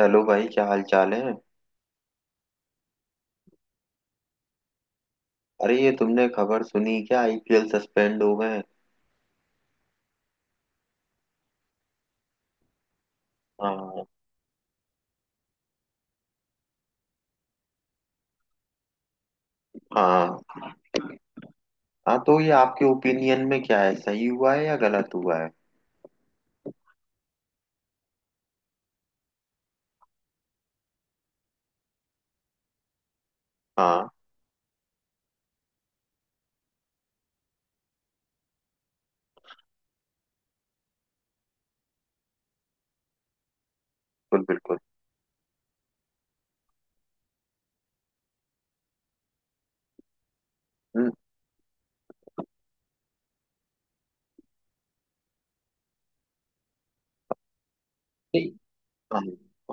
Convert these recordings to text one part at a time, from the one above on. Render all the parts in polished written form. Hello भाई, क्या हाल चाल है। अरे, ये तुमने खबर सुनी क्या? आईपीएल सस्पेंड हो गए। हाँ। हाँ। हाँ, तो ये आपके ओपिनियन में क्या है, सही हुआ है या गलत हुआ है? हाँ, बिल्कुल बिल्कुल। हम्म। नहीं। हाँ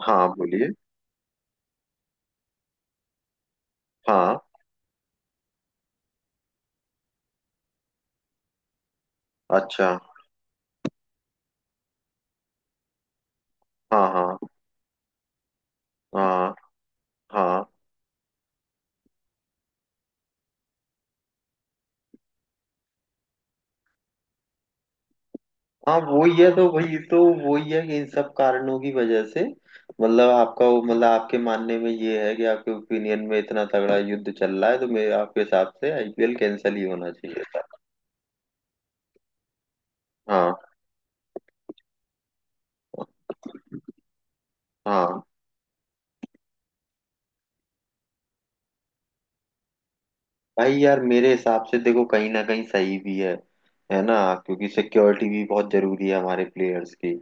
हाँ, बोलिए। हाँ। अच्छा। हाँ। हाँ। हाँ। हाँ। हाँ, वही है तो, वही तो। वही है कि इन सब कारणों की वजह से। मतलब आपके मानने में ये है कि आपके ओपिनियन में इतना तगड़ा युद्ध चल रहा है, तो मेरे आपके हिसाब से आईपीएल कैंसिल ही होना चाहिए। हाँ। हाँ भाई यार, मेरे हिसाब से देखो, कहीं ना कहीं सही भी है। है ना। क्योंकि सिक्योरिटी भी बहुत जरूरी है हमारे प्लेयर्स की।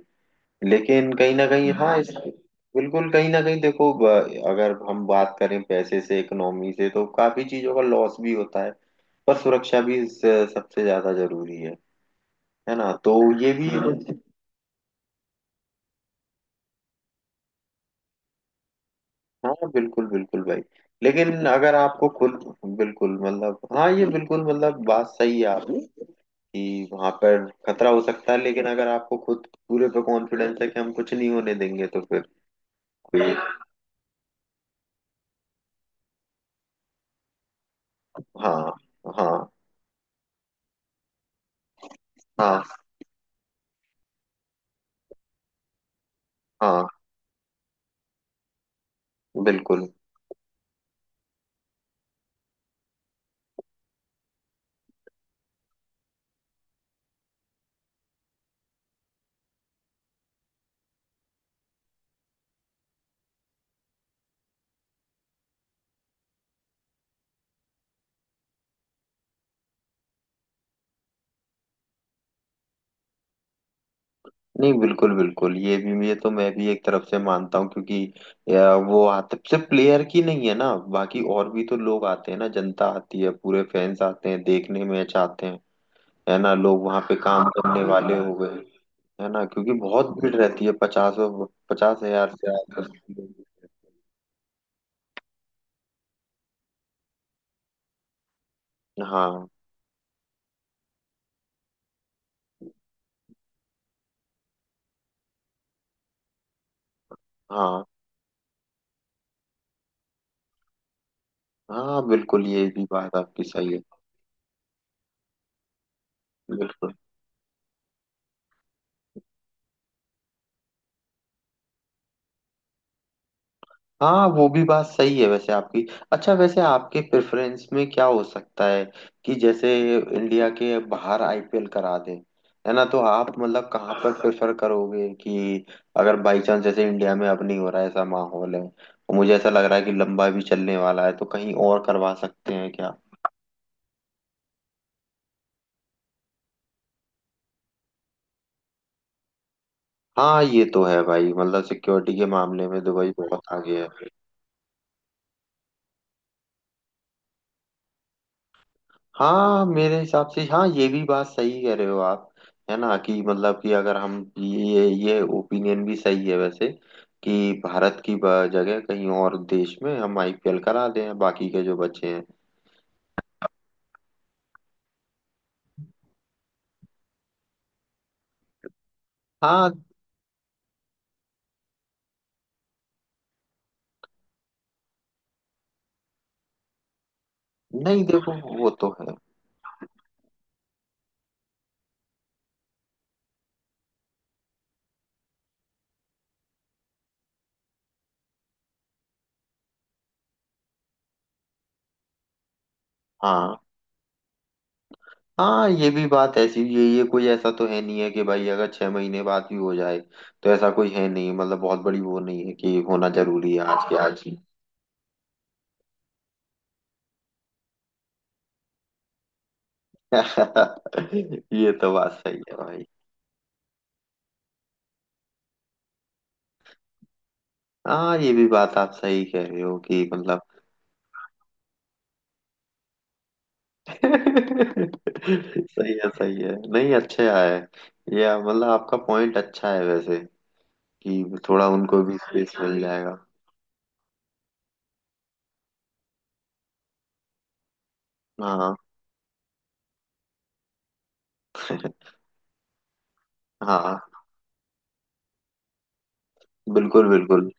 लेकिन कहीं ना कहीं, हाँ हाँ, इस। बिल्कुल, कहीं ना कहीं देखो, अगर हम बात करें पैसे से, इकोनॉमी से, तो काफी चीजों का लॉस भी होता है। पर सुरक्षा भी, इस, सबसे ज्यादा जरूरी है। है ना, तो। ये भी, हाँ। हाँ बिल्कुल बिल्कुल भाई। लेकिन अगर आपको खुद। बिल्कुल, मतलब हाँ, ये बिल्कुल, मतलब बात सही है आपकी। कि वहां पर खतरा हो सकता है, लेकिन अगर आपको खुद पूरे पे कॉन्फिडेंस है कि हम कुछ नहीं होने देंगे तो फिर कोई। हाँ। हाँ। हाँ। हाँ, बिल्कुल। नहीं बिल्कुल बिल्कुल, ये भी, ये तो मैं भी एक तरफ से मानता हूँ, क्योंकि या, वो आते सिर्फ प्लेयर की नहीं है ना, बाकी और भी तो लोग आते हैं ना, जनता आती है, पूरे फैंस आते हैं देखने, मैच आते हैं। है ना, लोग वहां पे काम करने वाले हो गए। है ना, क्योंकि बहुत भीड़ रहती है, 50। 50,000 से आकर। हाँ। हाँ। हाँ, बिल्कुल, ये भी बात आपकी सही है। बिल्कुल। हाँ, वो भी बात सही है वैसे आपकी। अच्छा, वैसे आपके प्रेफरेंस में क्या हो सकता है? कि जैसे इंडिया के बाहर आईपीएल करा दे। है ना, तो आप मतलब कहाँ पर प्रेफर करोगे कि अगर बाई चांस, जैसे इंडिया में अब नहीं हो रहा है, ऐसा माहौल है। और मुझे ऐसा लग रहा है कि लंबा भी चलने वाला है, तो कहीं और करवा सकते हैं क्या? हाँ ये तो है भाई, मतलब सिक्योरिटी के मामले में दुबई बहुत आगे है। हाँ मेरे हिसाब से, हाँ, ये भी बात सही कह रहे हो आप। है ना कि मतलब कि अगर हम ये ओपिनियन भी सही है वैसे। कि भारत की जगह कहीं और देश में हम आईपीएल करा दें, बाकी के जो बच्चे हैं। हाँ। नहीं देखो। वो तो है। हाँ हाँ, ये भी बात ऐसी, ये कोई ऐसा तो है नहीं है कि भाई अगर 6 महीने बाद भी हो जाए। तो ऐसा कोई है नहीं, मतलब बहुत बड़ी वो नहीं है कि होना जरूरी है आज के आज ही। ये तो बात सही है भाई। हाँ, ये भी बात आप सही कह रहे हो कि मतलब। सही है, सही है, नहीं, अच्छा है। ये मतलब आपका पॉइंट अच्छा है वैसे। कि थोड़ा उनको भी स्पेस मिल जाएगा। हाँ। हाँ बिल्कुल बिल्कुल।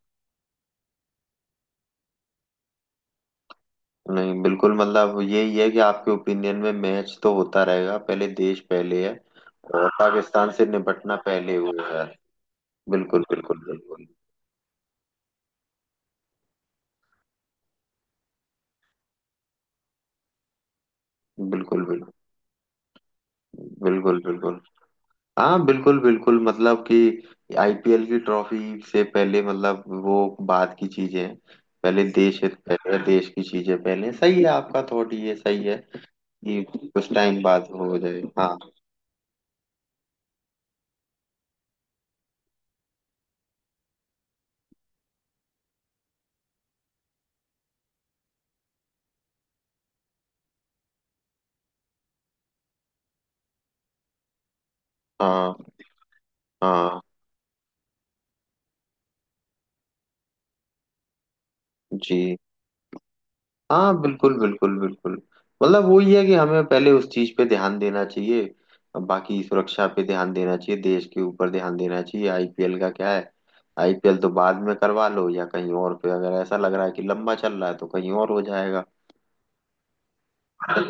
नहीं बिल्कुल, मतलब यही है कि आपके ओपिनियन में मैच तो होता रहेगा, पहले देश पहले है। और पाकिस्तान से निपटना पहले हुआ है। बिल्कुल बिल्कुल बिल्कुल। बिल्कुल बिल्कुल। बिल्कुल बिल्कुल। हाँ बिल्कुल बिल्कुल, मतलब कि आईपीएल की ट्रॉफी से पहले, मतलब वो बात की चीजें हैं। पहले देश है, पहले देश की चीजें पहले, सही है आपका थॉट, ये सही है। कि कुछ टाइम बाद हो जाए, हाँ। हाँ हाँ जी। हाँ बिल्कुल बिल्कुल बिल्कुल। मतलब वो ये है कि हमें पहले उस चीज पे ध्यान देना चाहिए। अब बाकी, सुरक्षा पे ध्यान देना चाहिए, देश के ऊपर ध्यान देना चाहिए, आईपीएल का क्या है। आईपीएल तो बाद में करवा लो, या कहीं और पे अगर ऐसा लग रहा है कि लंबा चल रहा है तो कहीं और हो जाएगा। हाँ।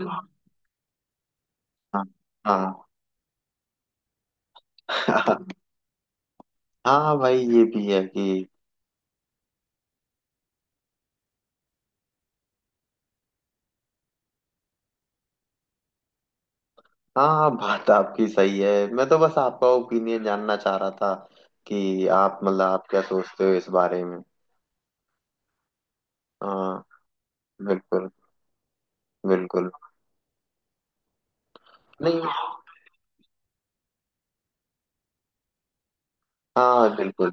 हाँ। हाँ भाई, ये भी है कि हाँ हाँ, बात आपकी सही है, मैं तो बस आपका ओपिनियन जानना चाह रहा था। कि आप मतलब आप क्या सोचते हो इस बारे में। हाँ बिल्कुल बिल्कुल। नहीं। हाँ बिल्कुल।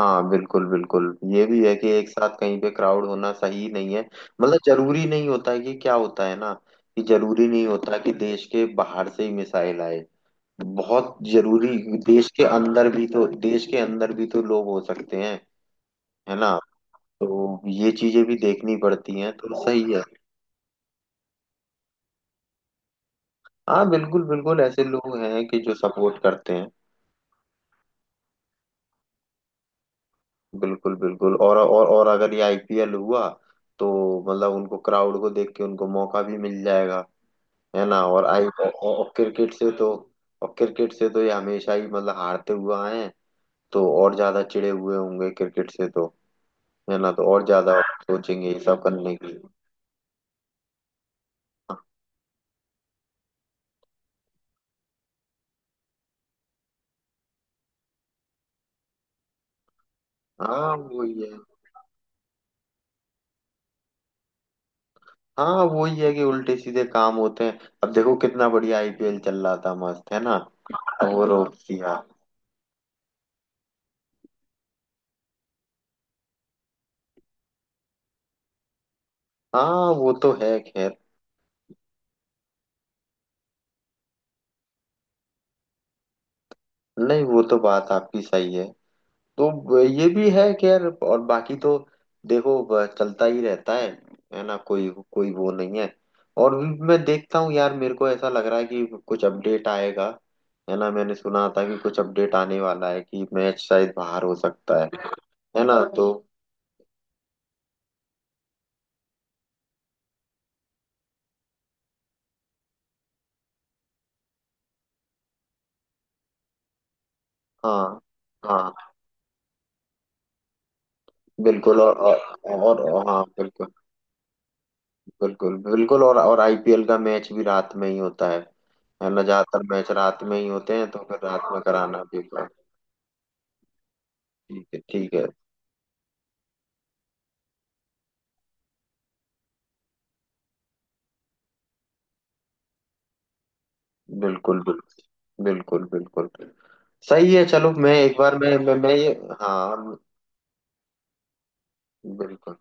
हाँ बिल्कुल बिल्कुल, ये भी है कि एक साथ कहीं पे क्राउड होना सही नहीं है। मतलब जरूरी नहीं होता है कि क्या होता है ना। कि जरूरी नहीं होता कि देश के बाहर से ही मिसाइल आए। बहुत जरूरी। देश के अंदर भी तो लोग हो सकते हैं। है ना। तो ये चीजें भी देखनी पड़ती हैं, तो सही है। हाँ बिल्कुल बिल्कुल, ऐसे लोग हैं कि जो सपोर्ट करते हैं। बिल्कुल बिल्कुल, और अगर ये आईपीएल हुआ तो, मतलब उनको, क्राउड को देख के उनको मौका भी मिल जाएगा। है ना, और क्रिकेट से तो। और क्रिकेट से तो ये हमेशा ही, मतलब, हारते हुए आए हैं। तो और ज्यादा चिढ़े हुए होंगे क्रिकेट से तो। है ना, तो और ज्यादा सोचेंगे ये सब करने की। हाँ वही है। हाँ वही है कि उल्टे सीधे काम होते हैं, अब देखो कितना बढ़िया आईपीएल चल रहा था, मस्त है ना। और वो रोक दिया। हाँ वो तो है खैर। नहीं, वो तो बात आपकी सही है। तो ये भी है कि यार, और बाकी तो देखो, चलता ही रहता है। है ना, कोई कोई वो नहीं है। और भी मैं देखता हूँ यार, मेरे को ऐसा लग रहा है कि कुछ अपडेट आएगा। है ना, मैंने सुना था कि कुछ अपडेट आने वाला है कि मैच शायद बाहर हो सकता है। है ना, तो। हाँ। हाँ बिल्कुल, और, और हाँ बिल्कुल। बिल्कुल बिल्कुल और आईपीएल का मैच भी रात में ही होता है। है ना, ज्यादातर मैच रात में ही होते हैं, तो फिर रात में कराना भी ठीक है, ठीक है। बिल्कुल। बिल्कुल बिल्कुल बिल्कुल। सही है, चलो मैं एक बार मैं ये। हाँ बिल्कुल।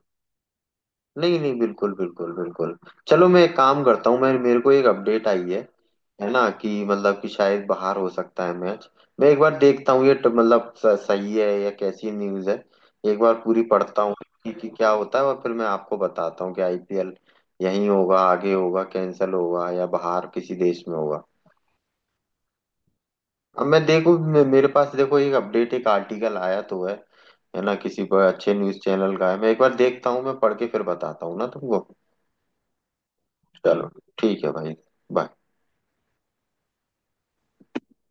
नहीं नहीं बिल्कुल बिल्कुल बिल्कुल। चलो मैं एक काम करता हूँ, मैं मेरे को एक अपडेट आई है। है ना कि मतलब कि शायद बाहर हो सकता है मैच। मैं एक बार देखता हूँ ये, मतलब सही है या कैसी न्यूज़ है। एक बार पूरी पढ़ता हूँ। कि क्या होता है और फिर मैं आपको बताता हूँ कि आईपीएल यहीं होगा, आगे होगा, कैंसिल होगा, या बाहर किसी देश में होगा। अब मैं देखो, मेरे पास देखो एक अपडेट, एक आर्टिकल आया तो है। है ना, किसी पर अच्छे न्यूज़ चैनल का है, मैं एक बार देखता हूँ, मैं पढ़ के फिर बताता हूँ ना तुमको। चलो। ठीक है भाई। बाय।